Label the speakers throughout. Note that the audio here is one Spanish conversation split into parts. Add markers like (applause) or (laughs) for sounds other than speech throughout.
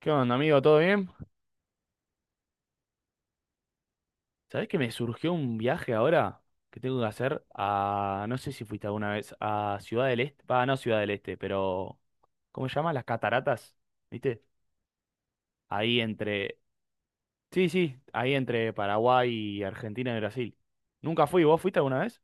Speaker 1: ¿Qué onda, amigo? ¿Todo bien? ¿Sabés que me surgió un viaje ahora que tengo que hacer a, no sé si fuiste alguna vez, a Ciudad del Este, va, no Ciudad del Este, pero, ¿cómo se llama? Las cataratas, ¿viste? Ahí entre, sí, sí, ahí entre Paraguay y Argentina y Brasil. Nunca fui, ¿vos fuiste alguna vez?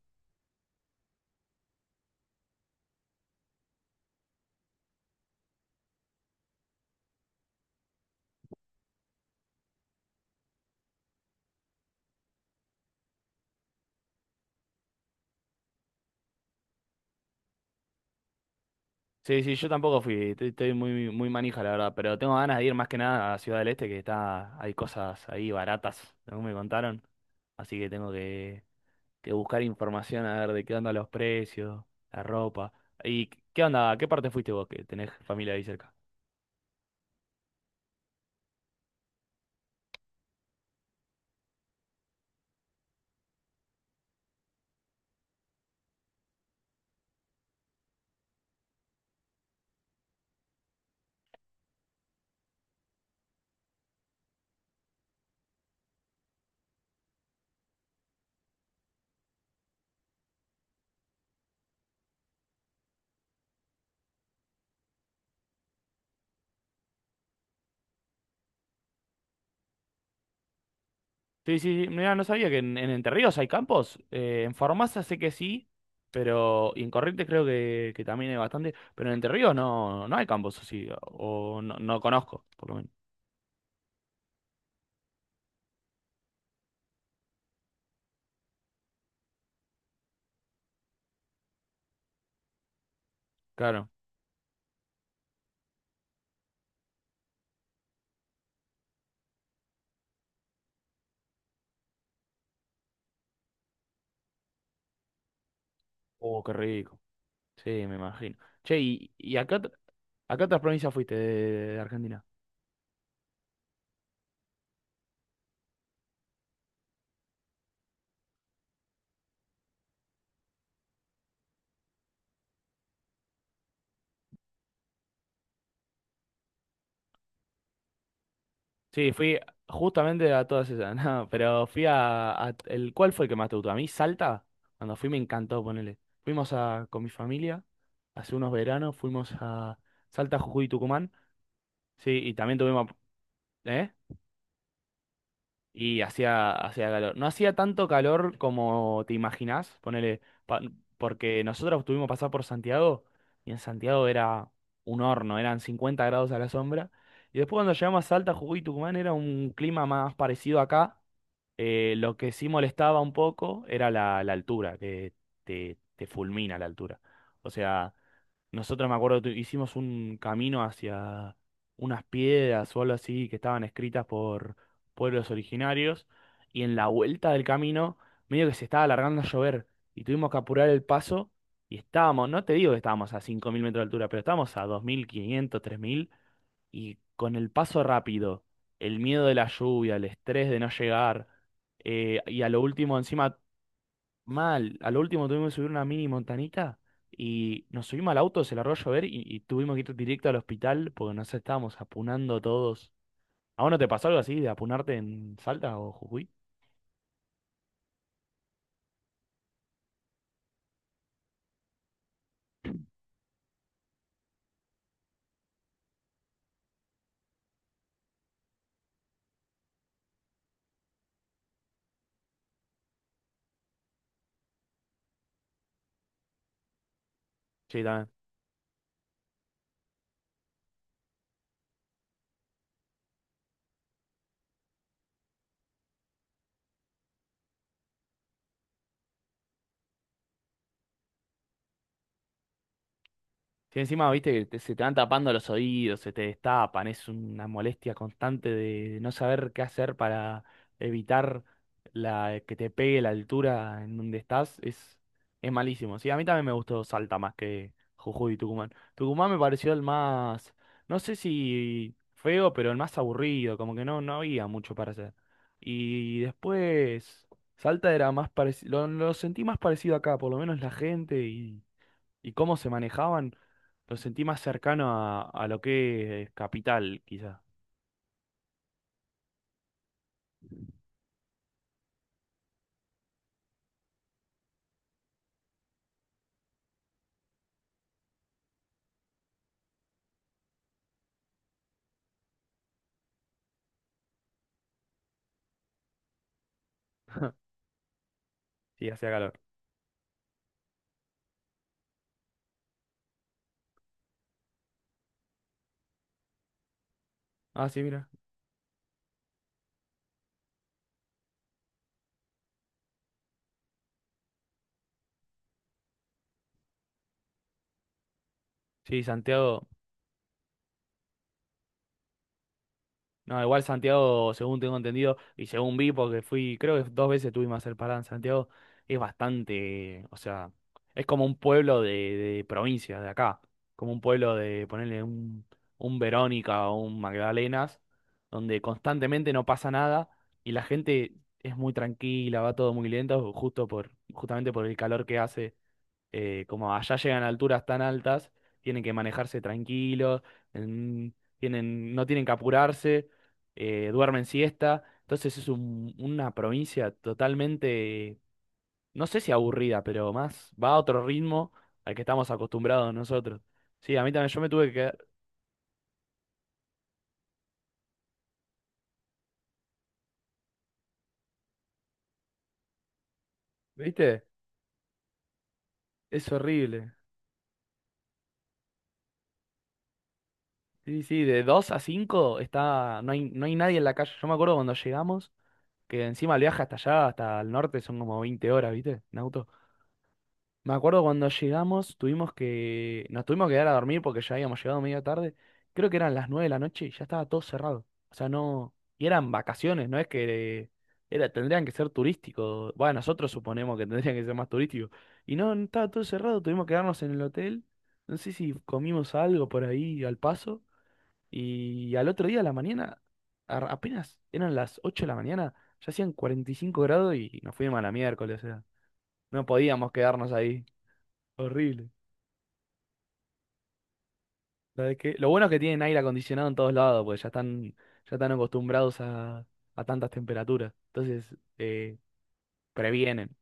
Speaker 1: Sí, sí, yo tampoco fui, estoy muy, muy manija, la verdad, pero tengo ganas de ir más que nada a Ciudad del Este, que está, hay cosas ahí baratas, según me contaron, así que tengo que buscar información a ver de qué onda los precios, la ropa. ¿Y qué onda? ¿A qué parte fuiste vos que tenés familia ahí cerca? Sí, sí, sí. Mirá, no sabía que en Entre Ríos hay campos. En Farmacia sé que sí, pero y en Corrientes creo que también hay bastante. Pero en Entre Ríos no, no hay campos, así o no, no conozco, por lo menos. Claro. Oh, qué rico. Sí, me imagino. Che, ¿Y a qué, a qué otras provincias fuiste de Argentina? Sí, fui justamente a todas esas, (laughs) no, pero fui el, ¿cuál fue el que más te gustó? A mí, Salta, cuando fui me encantó, ponele. Fuimos a, con mi familia, hace unos veranos, fuimos a Salta, Jujuy y Tucumán, sí, y también tuvimos, ¿eh? Y hacía calor. No hacía tanto calor como te imaginás, ponele, porque nosotros tuvimos que pasar por Santiago, y en Santiago era un horno, eran 50 grados a la sombra, y después cuando llegamos a Salta, Jujuy y Tucumán era un clima más parecido acá. Lo que sí molestaba un poco era la altura, que te fulmina la altura. O sea, nosotros me acuerdo, hicimos un camino hacia unas piedras o algo así que estaban escritas por pueblos originarios y en la vuelta del camino medio que se estaba alargando a llover y tuvimos que apurar el paso y estábamos, no te digo que estábamos a 5.000 metros de altura, pero estábamos a 2.500 3.000 y con el paso rápido, el miedo de la lluvia, el estrés de no llegar, y a lo último, encima, mal, a lo último tuvimos que subir una mini montanita y nos subimos al auto, se largó a llover y tuvimos que ir directo al hospital porque nos estábamos apunando todos. ¿A vos no te pasó algo así de apunarte en Salta o Jujuy? Sí, sí, encima, viste, que te- se te van tapando los oídos, se te destapan, es una molestia constante de no saber qué hacer para evitar la, que te pegue la altura en donde estás, es malísimo. Sí, a mí también me gustó Salta más que Jujuy y Tucumán. Tucumán me pareció el más, no sé si feo, pero el más aburrido, como que no, no había mucho para hacer. Y después, Salta era más parecido, lo sentí más parecido acá, por lo menos la gente y cómo se manejaban, lo sentí más cercano a lo que es Capital, quizá. Sí, hacía calor. Ah, sí, mira. Sí, Santiago. No, igual Santiago, según tengo entendido, y según vi, porque fui, creo que dos veces tuvimos a hacer parada en Santiago, es bastante, o sea, es como un pueblo de provincia, de acá, como un pueblo de ponerle un Verónica o un Magdalenas, donde constantemente no pasa nada y la gente es muy tranquila, va todo muy lento, justo por, justamente por el calor que hace. Eh, como allá llegan a alturas tan altas, tienen que manejarse tranquilos, tienen, no tienen que apurarse, duermen siesta. Entonces es una provincia totalmente, no sé si aburrida, pero más va a otro ritmo al que estamos acostumbrados nosotros. Sí, a mí también yo me tuve que quedar, ¿viste? Es horrible. Sí, sí, de dos a cinco está, no hay, no hay nadie en la calle. Yo me acuerdo cuando llegamos, que encima el viaje hasta allá, hasta el norte, son como 20 horas, ¿viste? En auto. Me acuerdo cuando llegamos, tuvimos que, nos tuvimos que quedar a dormir porque ya habíamos llegado media tarde. Creo que eran las 9 de la noche y ya estaba todo cerrado. O sea, no, y eran vacaciones, no es que era, tendrían que ser turísticos. Bueno, nosotros suponemos que tendrían que ser más turísticos. Y no, no, estaba todo cerrado, tuvimos que quedarnos en el hotel. No sé si comimos algo por ahí al paso. Y al otro día a la mañana, apenas eran las 8 de la mañana, ya hacían 45 grados y nos fuimos a la miércoles, o sea, no podíamos quedarnos ahí. Horrible. La de que, lo bueno es que tienen aire acondicionado en todos lados, porque ya están acostumbrados a tantas temperaturas. Entonces, eh, previenen.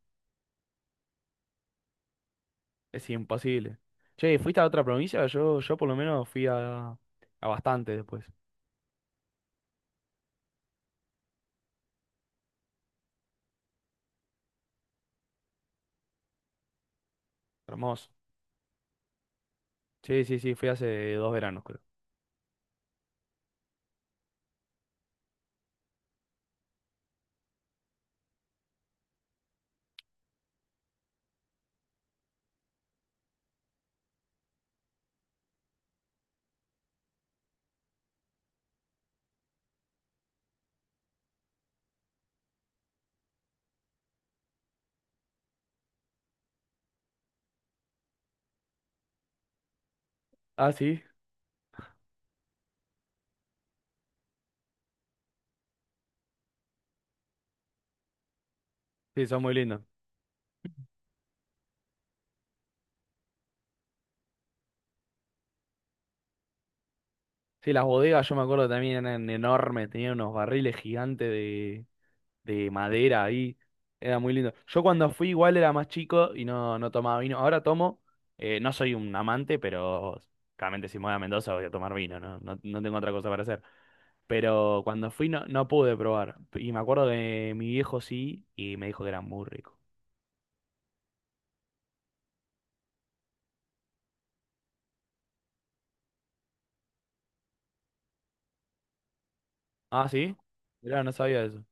Speaker 1: Es imposible. Che, ¿fuiste a otra provincia? Yo por lo menos fui a bastante después. Hermoso. Sí, sí, sí, fui hace 2 veranos, creo. Ah, sí. Sí, son muy lindos. Sí, las bodegas yo me acuerdo también eran enormes, tenían unos barriles gigantes de madera ahí. Era muy lindo. Yo cuando fui igual era más chico y no, no tomaba vino. Ahora tomo, no soy un amante, pero claramente si me voy a Mendoza voy a tomar vino, ¿no? No, no tengo otra cosa para hacer. Pero cuando fui no, no pude probar. Y me acuerdo que mi viejo sí y me dijo que era muy rico. Ah, ¿sí? Mirá, no sabía eso.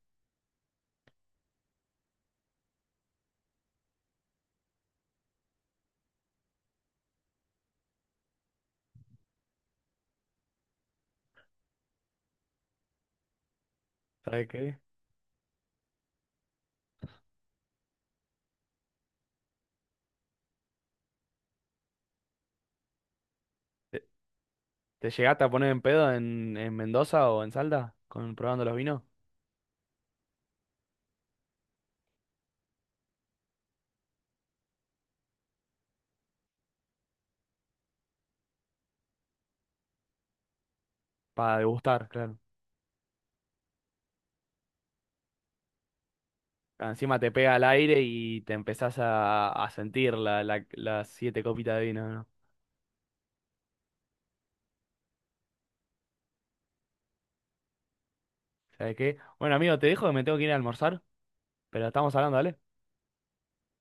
Speaker 1: ¿Sabes qué? ¿Te, te llegaste a poner en pedo en Mendoza o en Salta con probando los vinos? Para degustar, claro. Encima te pega al aire y te empezás a sentir la, las siete copitas de vino, ¿no? ¿Sabes qué? Bueno, amigo, te dejo que me tengo que ir a almorzar, pero estamos hablando, vale.